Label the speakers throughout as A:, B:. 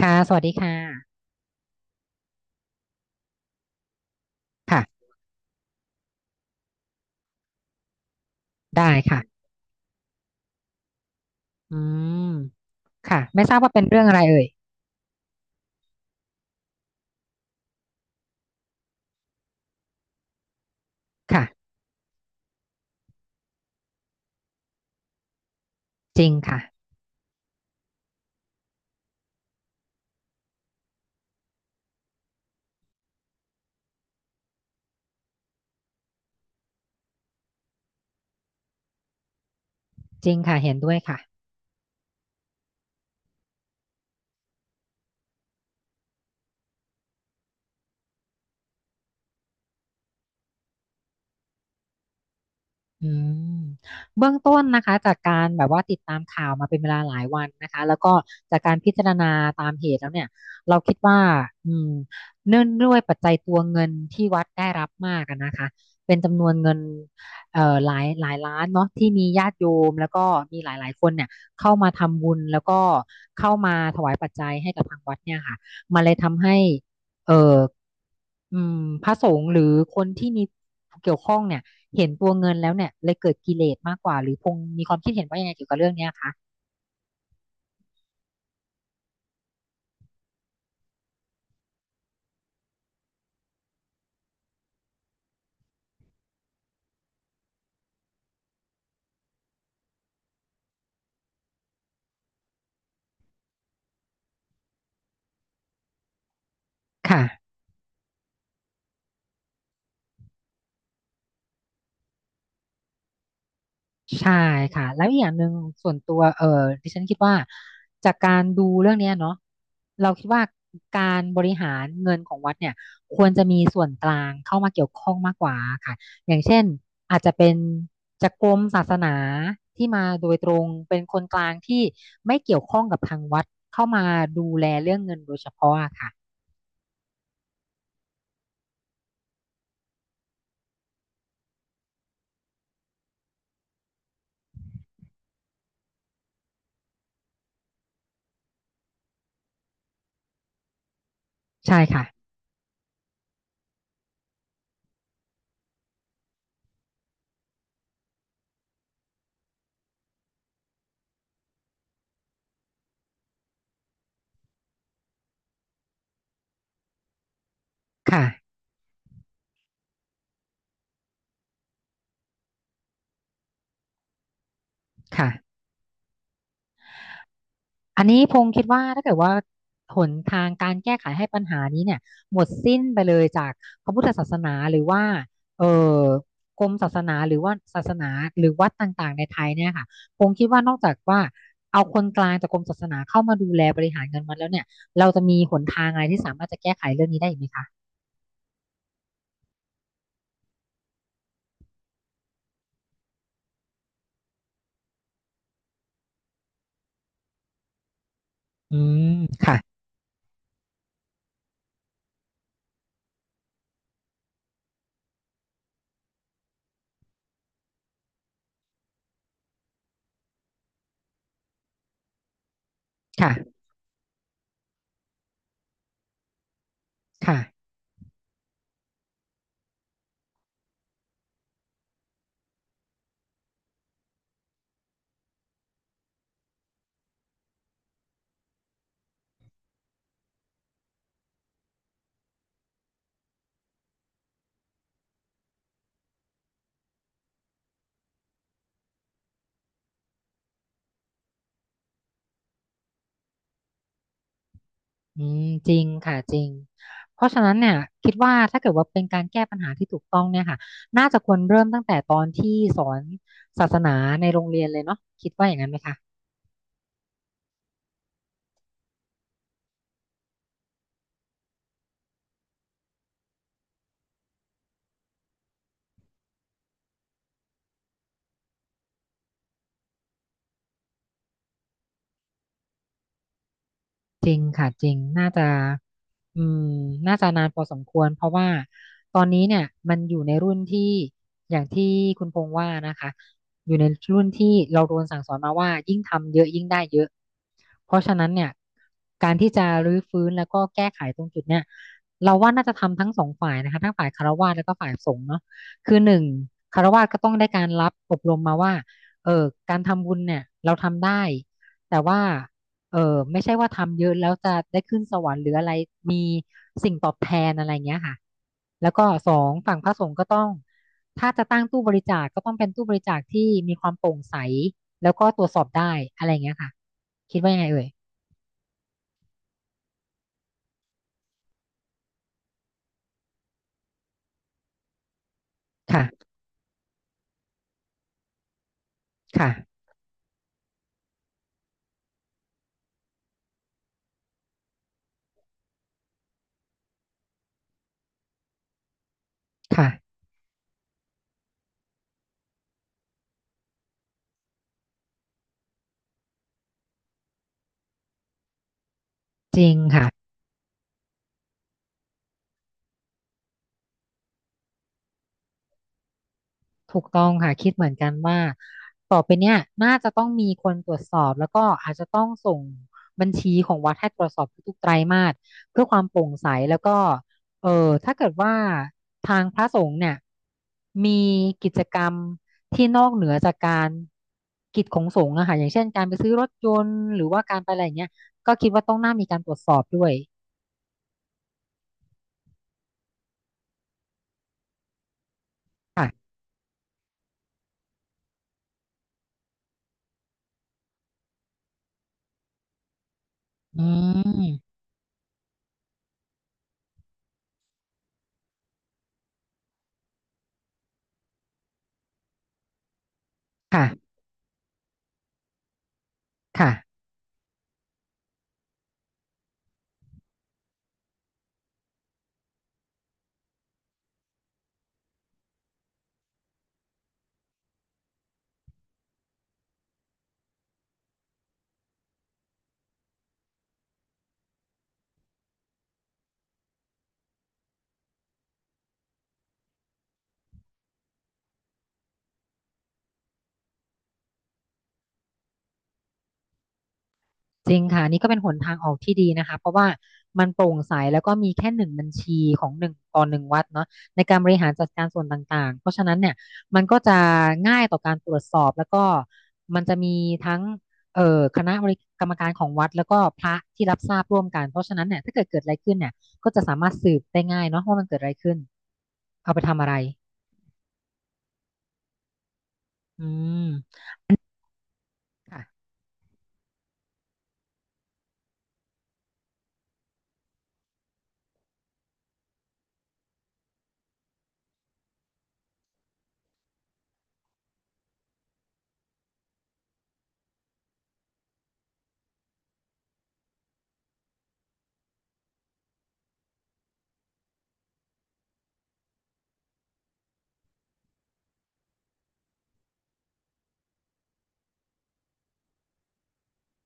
A: ค่ะ สวัสดีค่ะ ค่ะ ได้ค่ะ อืม ค่ะ ไม่ทราบว่าเป็นเรื่องอะไรเอ่ย ค่ะ จริงค่ะ จริงค่ะ เห็นด้วยค่ะ อืมเบื้องต้นนะคะจากการแบบว่าติดตามข่าวมาเป็นเวลาหลายวันนะคะแล้วก็จากการพิจารณาตามเหตุแล้วเนี่ยเราคิดว่าอืมเนื่องด้วยปัจจัยตัวเงินที่วัดได้รับมากอะนะคะเป็นจำนวนเงินหลายล้านเนาะที่มีญาติโยมแล้วก็มีหลายๆคนเนี่ยเข้ามาทำบุญแล้วก็เข้ามาถวายปัจจัยให้กับทางวัดเนี่ยค่ะมันเลยทำให้ เอ่ออืมพระสงฆ์หรือคนที่มีเกี่ยวข้องเนี่ยเห็นตัวเงินแล้วเนี่ยเลยเกิดกิเลสมากกว่าหรือพงมีความคิดเห็นว่ายังไงเกี่ยวกับเรื่องเนี้ยคะค่ะ ใช่ค่ะแล้วอีกอย่างหนึ่งส่วนตัวดิฉันคิดว่าจากการดูเรื่องเนี้ยเนาะเราคิดว่าการบริหารเงินของวัดเนี่ยควรจะมีส่วนกลางเข้ามาเกี่ยวข้องมากกว่าค่ะอย่างเช่นอาจจะเป็นจากกรมศาสนาที่มาโดยตรงเป็นคนกลางที่ไม่เกี่ยวข้องกับทางวัดเข้ามาดูแลเรื่องเงินโดยเฉพาะอะค่ะใช่ค่ะค่ะค่ะ อันนี้พงษ์คิดว่าถ้าเกิดว่าหนทางการแก้ไขให้ปัญหานี้เนี่ยหมดสิ้นไปเลยจากพระพุทธศาสนาหรือว่าเออกรมศาสนาหรือว่าศาสนาหรือวัดต่างๆในไทยเนี่ยค่ะพงษ์คิดว่านอกจากว่าเอาคนกลางจากกรมศาสนาเข้ามาดูแลบริหารเงินวัดแล้วเนี่ยเราจะมีหนทางอะไรที่สามารถจะแก้ไขเรื่องนี้ได้อีกไหมคะอืมค่ะค่ะค่ะ อืมจริงค่ะจริงเพราะฉะนั้นเนี่ยคิดว่าถ้าเกิดว่าเป็นการแก้ปัญหาที่ถูกต้องเนี่ยค่ะน่าจะควรเริ่มตั้งแต่ตอนที่สอนศาสนาในโรงเรียนเลยเนาะคิดว่าอย่างนั้นไหมคะ จริงค่ะจริงน่าจะอืมน่าจะนานพอสมควรเพราะว่าตอนนี้เนี่ยมันอยู่ในรุ่นที่อย่างที่คุณพงษ์ว่านะคะอยู่ในรุ่นที่เราโดนสั่งสอนมาว่ายิ่งทำเยอะยิ่งได้เยอะเพราะฉะนั้นเนี่ยการที่จะรื้อฟื้นแล้วก็แก้ไขตรงจุดเนี่ยเราว่าน่าจะทำทั้งสองฝ่ายนะคะทั้งฝ่ายคฤหัสถ์แล้วก็ฝ่ายสงฆ์เนาะคือหนึ่งคฤหัสถ์ก็ต้องได้การรับอบรมมาว่าเออการทำบุญเนี่ยเราทำได้แต่ว่า เออไม่ใช่ว่าทำเยอะแล้วจะได้ขึ้นสวรรค์หรืออะไรมีสิ่งตอบแทนอะไรเงี้ยค่ะแล้วก็สองฝั่งพระสงฆ์ก็ต้องถ้าจะตั้งตู้บริจาคก็ต้องเป็นตู้บริจาคที่มีความโปร่งใสแล้วก็ตรวจสอบได้อะไรเงี้ยค่ะคิดว่ายังไงเอ่ยค่ะค่ะค่ะจริงค่ะ ถูกต้องค่ะคิดเหมือนกันว่าต่อไปเนี่ยน่าจะต้องมีคนตรวจสอบแล้วก็อาจจะต้องส่งบัญชีของวัดให้ตรวจสอบทุกๆไตรมาสเพื่อความโปร่งใสแล้วก็เออถ้าเกิดว่าทางพระสงฆ์เนี่ยมีกิจกรรมที่นอกเหนือจากการกิจของสงฆ์อะค่ะอย่างเช่นการไปซื้อรถยนต์หรือว่าการไปอะไรอย่างเงี้ยค่ะอืมค่ะค่ะ จริงค่ะอันนี่ก็เป็นหนทางออกที่ดีนะคะเพราะว่ามันโปร่งใสแล้วก็มีแค่หนึ่งบัญชีของหนึ่งต่อหนึ่งวัดเนาะในการบริหารจัดการส่วนต่างๆเพราะฉะนั้นเนี่ยมันก็จะง่ายต่อการตรวจสอบแล้วก็มันจะมีทั้งเอ่อคณะบริกรรมการของวัดแล้วก็พระที่รับทราบร่วมกันเพราะฉะนั้นเนี่ยถ้าเกิดอะไรขึ้นเนี่ยก็จะสามารถสืบได้ง่ายเนาะว่ามันเกิดอะไรขึ้นเอาไปทำอะไรอืมค่ะ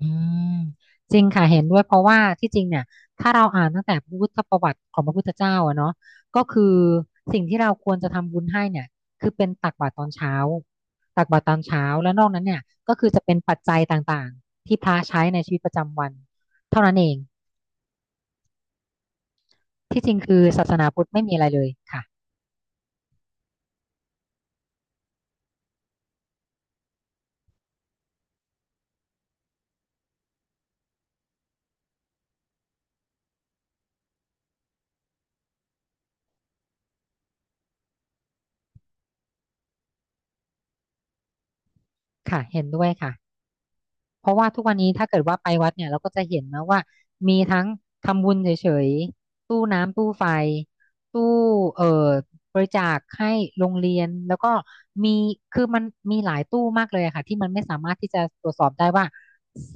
A: อืมจริงค่ะเห็นด้วยเพราะว่าที่จริงเนี่ยถ้าเราอ่านตั้งแต่พุทธประวัติของพระพุทธเจ้าอะเนาะก็คือสิ่งที่เราควรจะทำบุญให้เนี่ยคือเป็นตักบาตรตอนเช้าตักบาตรตอนเช้าแล้วนอกนั้นเนี่ยก็คือจะเป็นปัจจัยต่างๆที่พระใช้ในชีวิตประจำวันเท่านั้นเองที่จริงคือศาสนาพุทธไม่มีอะไรเลยค่ะค่ะเห็นด้วยค่ะ เพราะว่าทุกวันนี้ถ้าเกิดว่าไปวัดเนี่ยเราก็จะเห็นนะว่ามีทั้งทำบุญเฉยๆตู้น้ำตู้ไฟตู้เอ่อบริจาคให้โรงเรียนแล้วก็มีคือมันมีหลายตู้มากเลยอะค่ะที่มันไม่สามารถที่จะตรวจสอบได้ว่า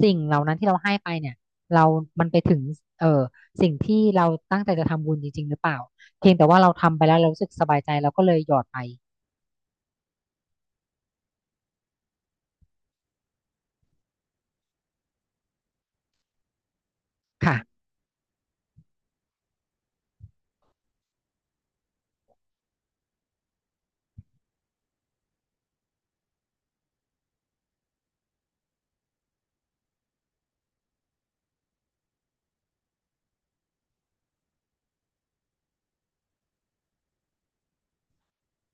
A: สิ่งเหล่านั้นที่เราให้ไปเนี่ยเรามันไปถึงเอ่อสิ่งที่เราตั้งใจจะทำบุญจริงๆหรือเปล่าเพียงแต่ว่าเราทำไปแล้วเรารู้สึกสบายใจเราก็เลยหยอดไปค่ะ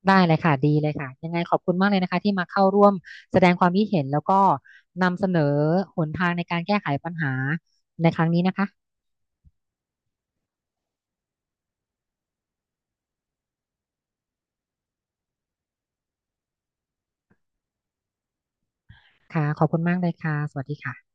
A: ได้เลยค่ะดีเลยค่ะยังไงขอบคุณมากเลยนะคะที่มาเข้าร่วมแสดงความคิดเห็นแล้วก็นำเสนอหนทางในการแก้ไขปัญหาในครั้งนี้นะคะค่ะขอบคุณมากเลยค่ะสวัสดีค่ะ